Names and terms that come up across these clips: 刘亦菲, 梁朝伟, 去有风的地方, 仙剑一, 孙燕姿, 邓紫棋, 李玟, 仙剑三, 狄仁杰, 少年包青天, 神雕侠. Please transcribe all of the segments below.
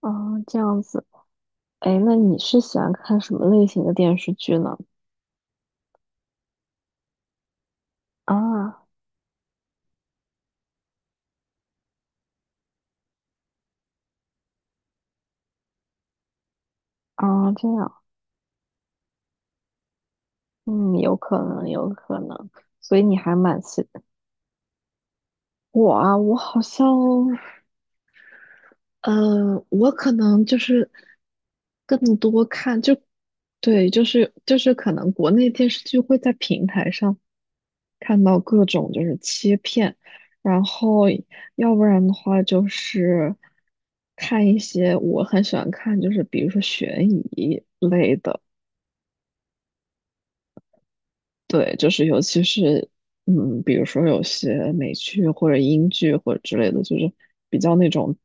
哦，这样子。哎，那你是喜欢看什么类型的电视剧呢？啊，啊，这样。嗯，有可能，有可能。所以你还蛮喜我啊，我好像，我可能就是更多看，对，就是可能国内电视剧会在平台上看到各种就是切片。然后要不然的话就是看一些我很喜欢看，就是比如说悬疑类的。对，就是尤其是比如说有些美剧或者英剧或者之类的，就是比较那种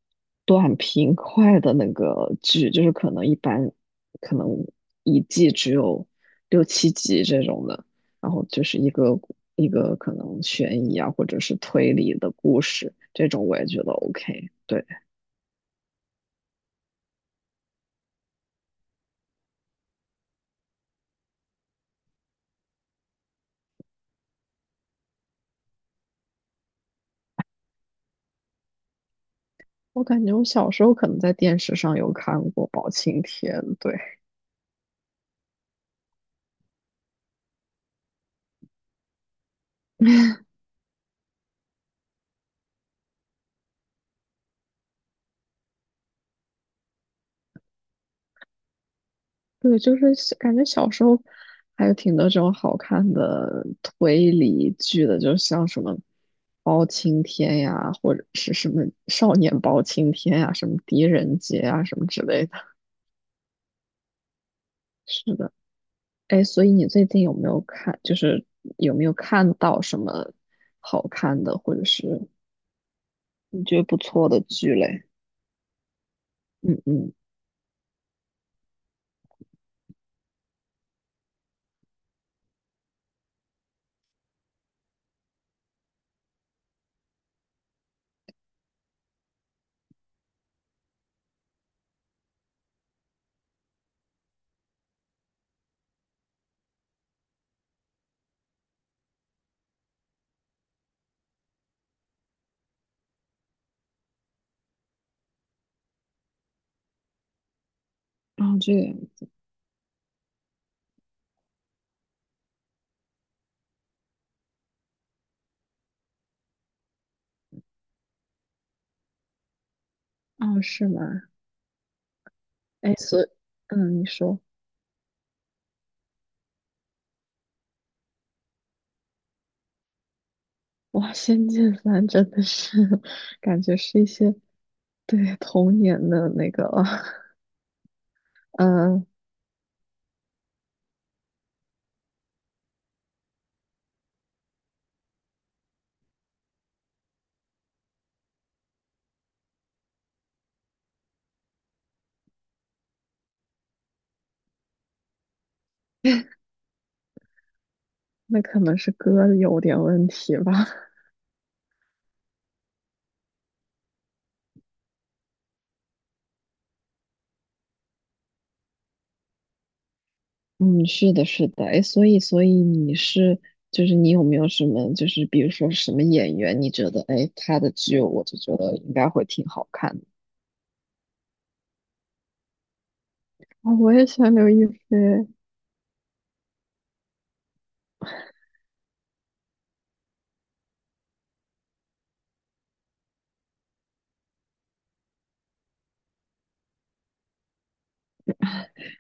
短平快的那个剧，就是可能一般可能一季只有六七集这种的。然后就是一个一个可能悬疑啊或者是推理的故事，这种我也觉得 OK。对。我感觉我小时候可能在电视上有看过《包青天》，对。对，就是感觉小时候还有挺多这种好看的推理剧的，就像什么包青天呀，或者是什么少年包青天呀，什么狄仁杰啊，什么之类的。是的。哎，所以你最近有没有看，就是有没有看到什么好看的，或者是你觉得不错的剧嘞？嗯嗯。啊，这个。啊，是吗？哎，所以，你说。哇，《仙剑三》真的是 感觉是一些，对，童年的那个。嗯，那可能是歌有点问题吧。嗯，是的，是的。哎，所以,就是你有没有什么，就是比如说什么演员，你觉得，哎，他的剧，我就觉得应该会挺好看的。啊，我也喜欢刘亦菲。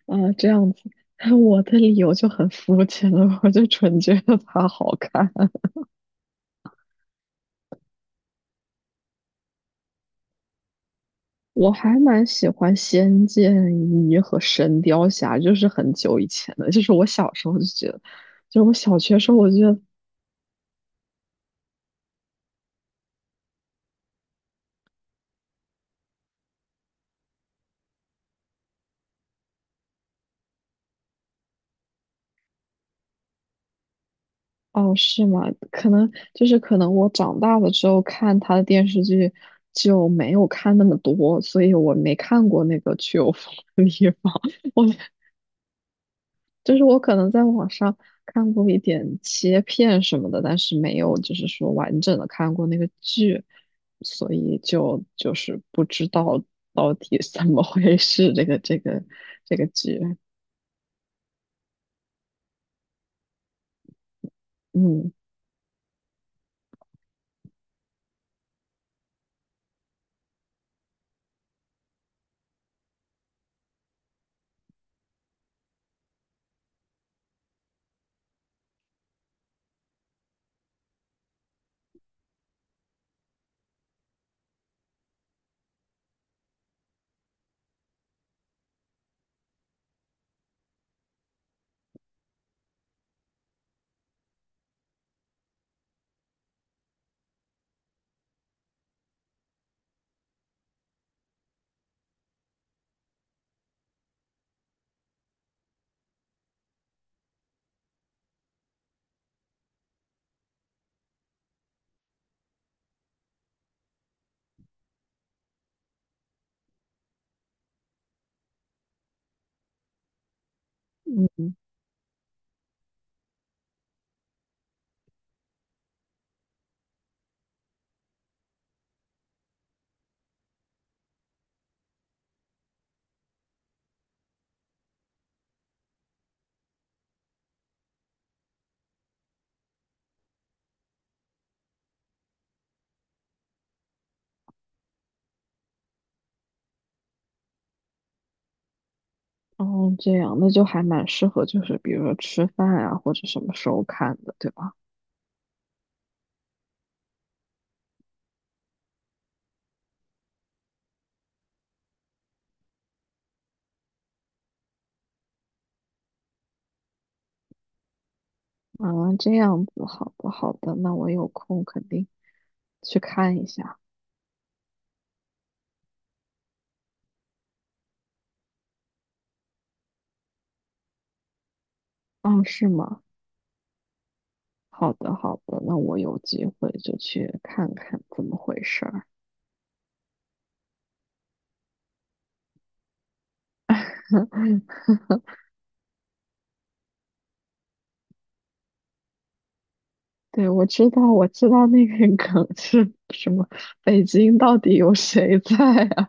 啊，这样子。我的理由就很肤浅了，我就纯觉得她好看。我还蛮喜欢《仙剑一》和《神雕侠》，就是很久以前的，就是我小时候就觉得，就是我小学时候我就觉得。哦，是吗？可能就是可能我长大了之后看他的电视剧就没有看那么多，所以我没看过那个去有风的地方。我就是我可能在网上看过一点切片什么的，但是没有就是说完整的看过那个剧，所以就是不知道到底怎么回事这个剧。嗯嗯。哦，这样，那就还蛮适合就是比如说吃饭啊或者什么时候看的，对吧？啊，这样子。好的好的，那我有空肯定去看一下。哦，是吗？好的，好的，那我有机会就去看看怎么回事儿。对，我知道，我知道那个梗是什么。北京到底有谁在啊？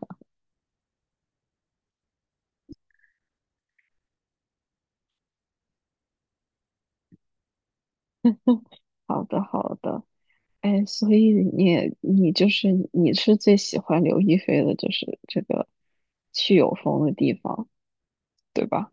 好的，好的。哎，所以你也你就是你是最喜欢刘亦菲的，就是这个去有风的地方，对吧？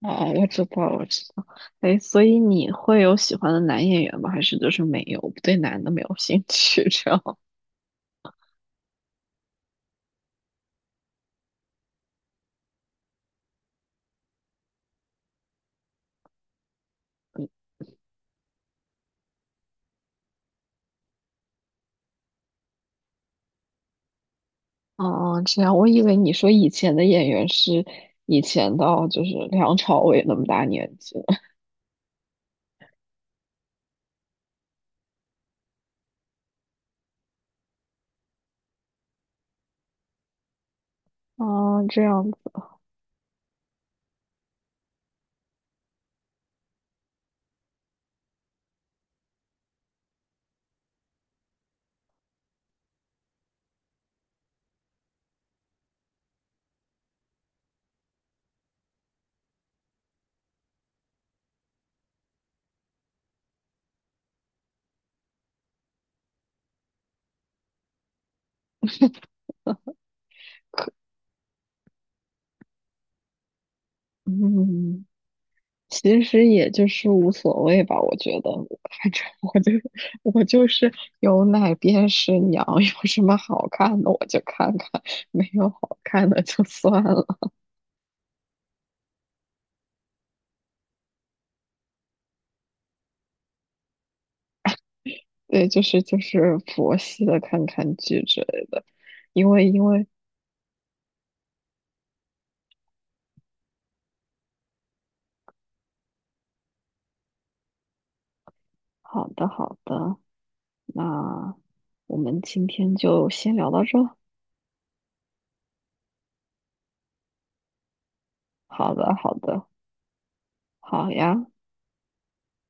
哦，我知道，我知道。哎，所以你会有喜欢的男演员吗？还是就是没有，对男的没有兴趣这样？哦哦，这样，我以为你说以前的演员是以前，到就是梁朝伟那么大年纪了。哦，这样子。嗯，其实也就是无所谓吧，我觉得。反正我就是有奶便是娘。有什么好看的我就看看，没有好看的就算了。对，就是佛系的看看剧之类的。因为因为好的好的，那我们今天就先聊到这。好的，好的。好呀。